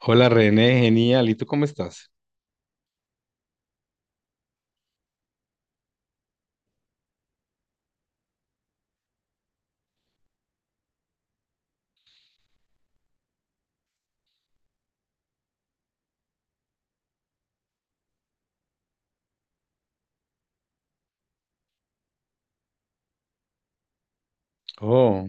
Hola René, genial. ¿Y tú cómo estás? Oh,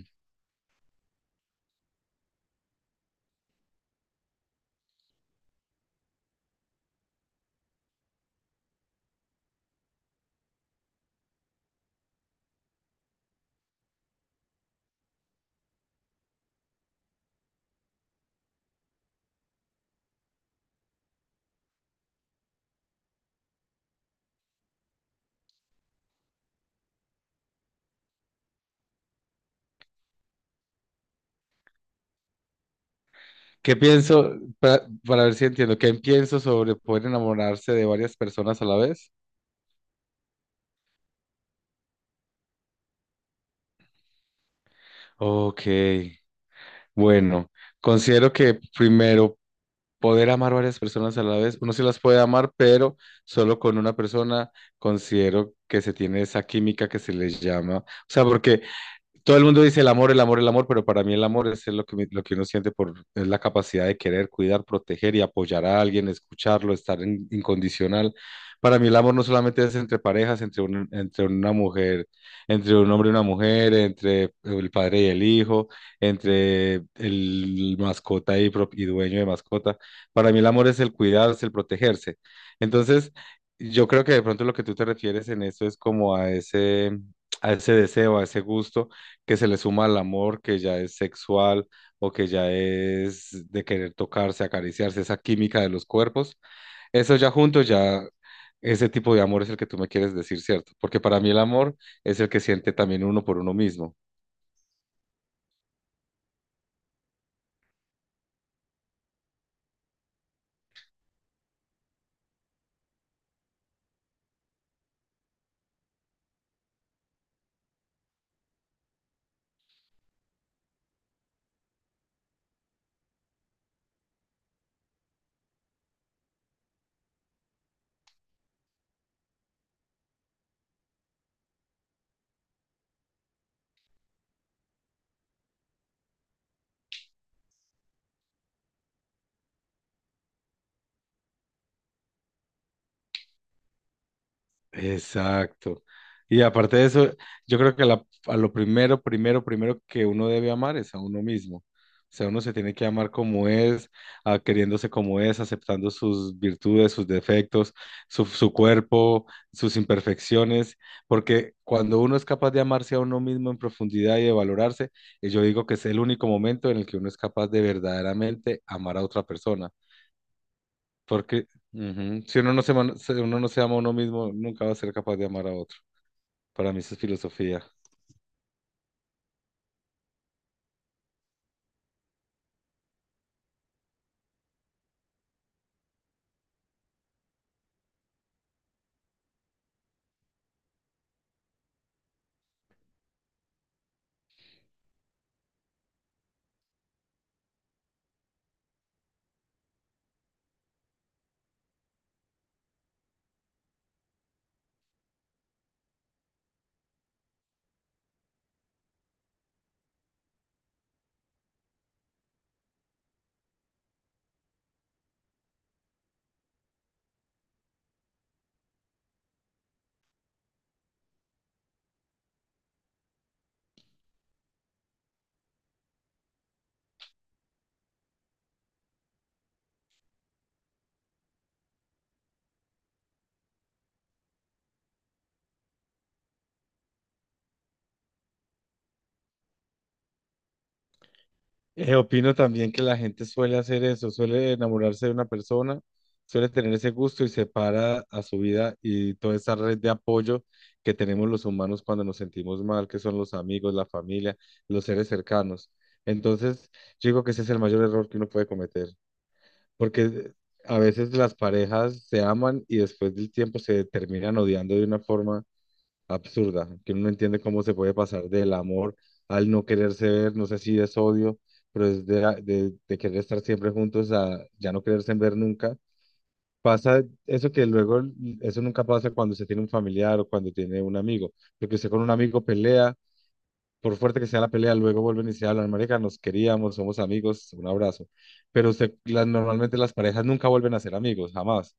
¿qué pienso? Para ver si entiendo, ¿qué pienso sobre poder enamorarse de varias personas a la vez? Ok, bueno, considero que primero, poder amar varias personas a la vez, uno sí las puede amar, pero solo con una persona considero que se tiene esa química que se les llama. O sea, porque todo el mundo dice el amor, el amor, el amor, pero para mí el amor es lo que, lo que uno siente por, es la capacidad de querer, cuidar, proteger y apoyar a alguien, escucharlo, estar incondicional. Para mí el amor no solamente es entre parejas, entre, entre una mujer, entre un hombre y una mujer, entre el padre y el hijo, entre el mascota y, y dueño de mascota. Para mí el amor es el cuidarse, el protegerse. Entonces, yo creo que de pronto lo que tú te refieres en eso es como a ese deseo, a ese gusto que se le suma al amor, que ya es sexual o que ya es de querer tocarse, acariciarse, esa química de los cuerpos, eso ya junto, ya ese tipo de amor es el que tú me quieres decir, ¿cierto? Porque para mí el amor es el que siente también uno por uno mismo. Exacto. Y aparte de eso, yo creo que a lo primero, primero, primero que uno debe amar es a uno mismo. O sea, uno se tiene que amar como es, queriéndose como es, aceptando sus virtudes, sus defectos, su cuerpo, sus imperfecciones, porque cuando uno es capaz de amarse a uno mismo en profundidad y de valorarse, yo digo que es el único momento en el que uno es capaz de verdaderamente amar a otra persona porque ujú, si uno no se, uno no se ama a uno mismo, nunca va a ser capaz de amar a otro. Para mí eso es filosofía. Opino también que la gente suele hacer eso, suele enamorarse de una persona, suele tener ese gusto y separa a su vida y toda esa red de apoyo que tenemos los humanos cuando nos sentimos mal, que son los amigos, la familia, los seres cercanos. Entonces, yo digo que ese es el mayor error que uno puede cometer, porque a veces las parejas se aman y después del tiempo se terminan odiando de una forma absurda, que uno no entiende cómo se puede pasar del amor al no quererse ver, no sé si es odio, pero es de querer estar siempre juntos a ya no quererse ver nunca. Pasa eso que luego, eso nunca pasa cuando se tiene un familiar o cuando tiene un amigo, porque usted con un amigo pelea, por fuerte que sea la pelea, luego vuelven y se hablan, marica, nos queríamos, somos amigos, un abrazo. Pero usted, normalmente las parejas nunca vuelven a ser amigos, jamás.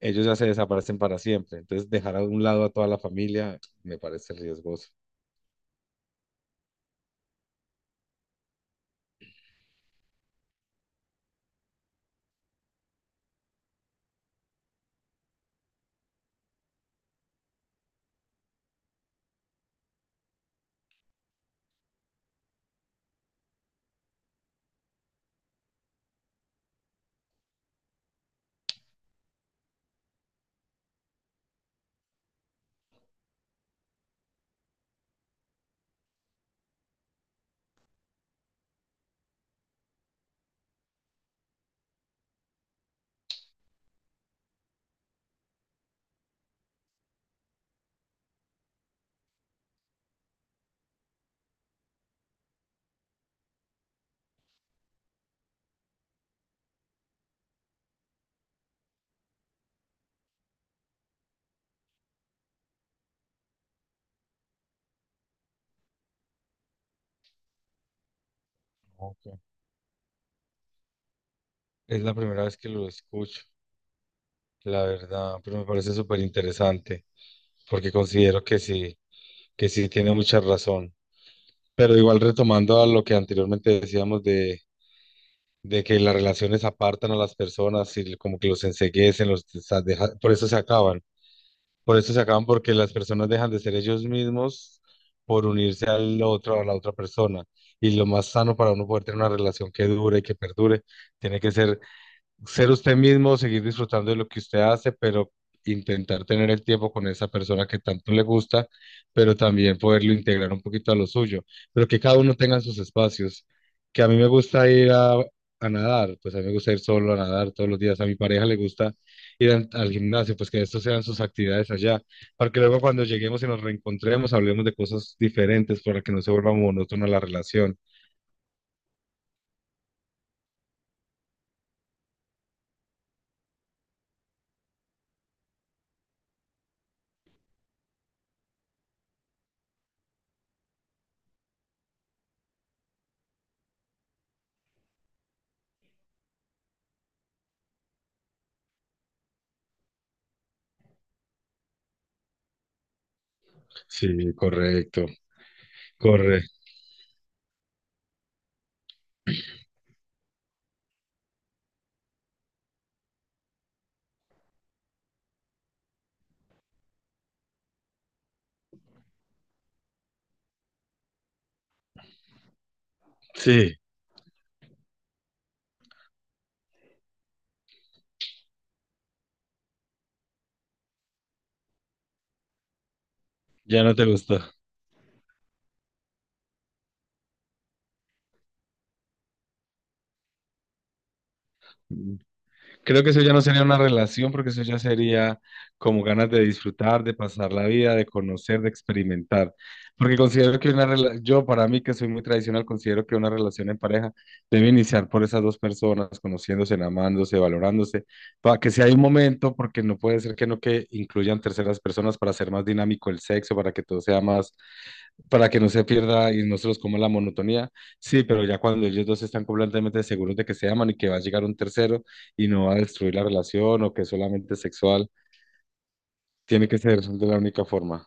Ellos ya se desaparecen para siempre. Entonces, dejar a un lado a toda la familia me parece riesgoso. Ok. Es la primera vez que lo escucho, la verdad, pero me parece súper interesante porque considero que sí tiene mucha razón. Pero igual retomando a lo que anteriormente decíamos de que las relaciones apartan a las personas y como que los enceguecen, por eso se acaban. Por eso se acaban porque las personas dejan de ser ellos mismos por unirse al otro, a la otra persona. Y lo más sano para uno poder tener una relación que dure y que perdure, tiene que ser ser usted mismo, seguir disfrutando de lo que usted hace, pero intentar tener el tiempo con esa persona que tanto le gusta, pero también poderlo integrar un poquito a lo suyo, pero que cada uno tenga sus espacios. Que a mí me gusta ir a nadar, pues a mí me gusta ir solo a nadar todos los días, a mi pareja le gusta ir al gimnasio, pues que estos sean sus actividades allá, para que luego cuando lleguemos y nos reencontremos hablemos de cosas diferentes para que no se vuelva monótona la relación. Sí, correcto, correcto. Sí, ya no te gustó. Mm. Creo que eso ya no sería una relación, porque eso ya sería como ganas de disfrutar, de pasar la vida, de conocer, de experimentar. Porque considero que una relación, yo para mí que soy muy tradicional, considero que una relación en pareja debe iniciar por esas dos personas, conociéndose, amándose, valorándose, para que si hay un momento, porque no puede ser que no que incluyan terceras personas para hacer más dinámico el sexo, para que todo sea más para que no se pierda y no se los coma la monotonía. Sí, pero ya cuando ellos dos están completamente seguros de que se aman y que va a llegar un tercero y no va a destruir la relación o que es solamente sexual, tiene que ser de la única forma.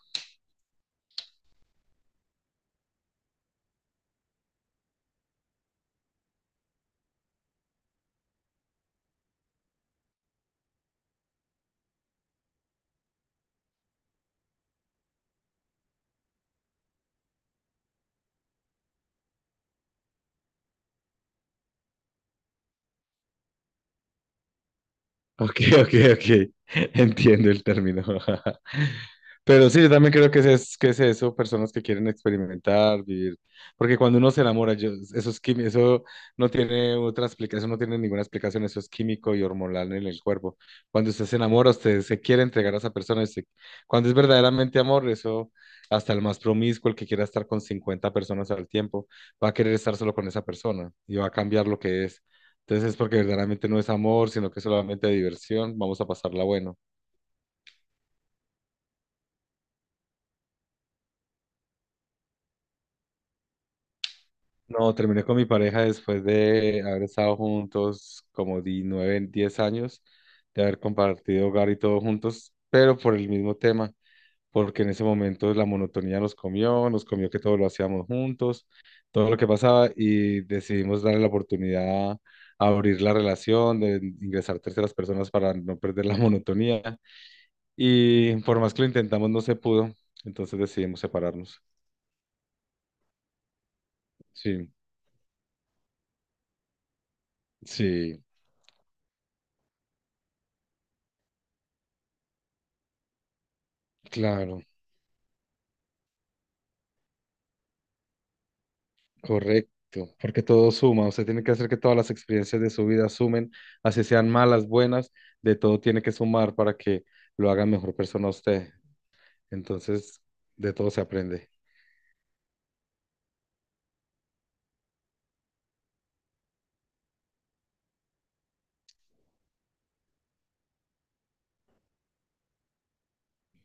Ok, ok, ok. Entiendo el término. Pero sí, yo también creo que es, que es eso, personas que quieren experimentar, vivir. Porque cuando uno se enamora, eso es eso no tiene otra explicación, eso no tiene ninguna explicación, eso es químico y hormonal en el cuerpo. Cuando usted se enamora, usted se quiere entregar a esa persona. Y cuando es verdaderamente amor, eso hasta el más promiscuo, el que quiera estar con 50 personas al tiempo, va a querer estar solo con esa persona y va a cambiar lo que es. Entonces es porque verdaderamente no es amor, sino que es solamente diversión. Vamos a pasarla bueno. No, terminé con mi pareja después de haber estado juntos como 9, 10 años, de haber compartido hogar y todo juntos, pero por el mismo tema, porque en ese momento la monotonía nos comió que todo lo hacíamos juntos, todo lo que pasaba y decidimos darle la oportunidad a abrir la relación, de ingresar terceras personas para no perder la monotonía. Y por más que lo intentamos, no se pudo. Entonces decidimos separarnos. Sí, sí, claro, correcto. Porque todo suma. Usted tiene que hacer que todas las experiencias de su vida sumen, así sean malas, buenas, de todo tiene que sumar para que lo haga mejor persona a usted. Entonces, de todo se aprende.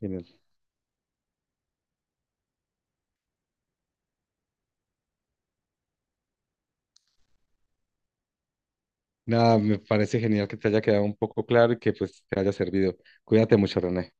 Genial. Nada, me parece genial que te haya quedado un poco claro y que pues te haya servido. Cuídate mucho, René.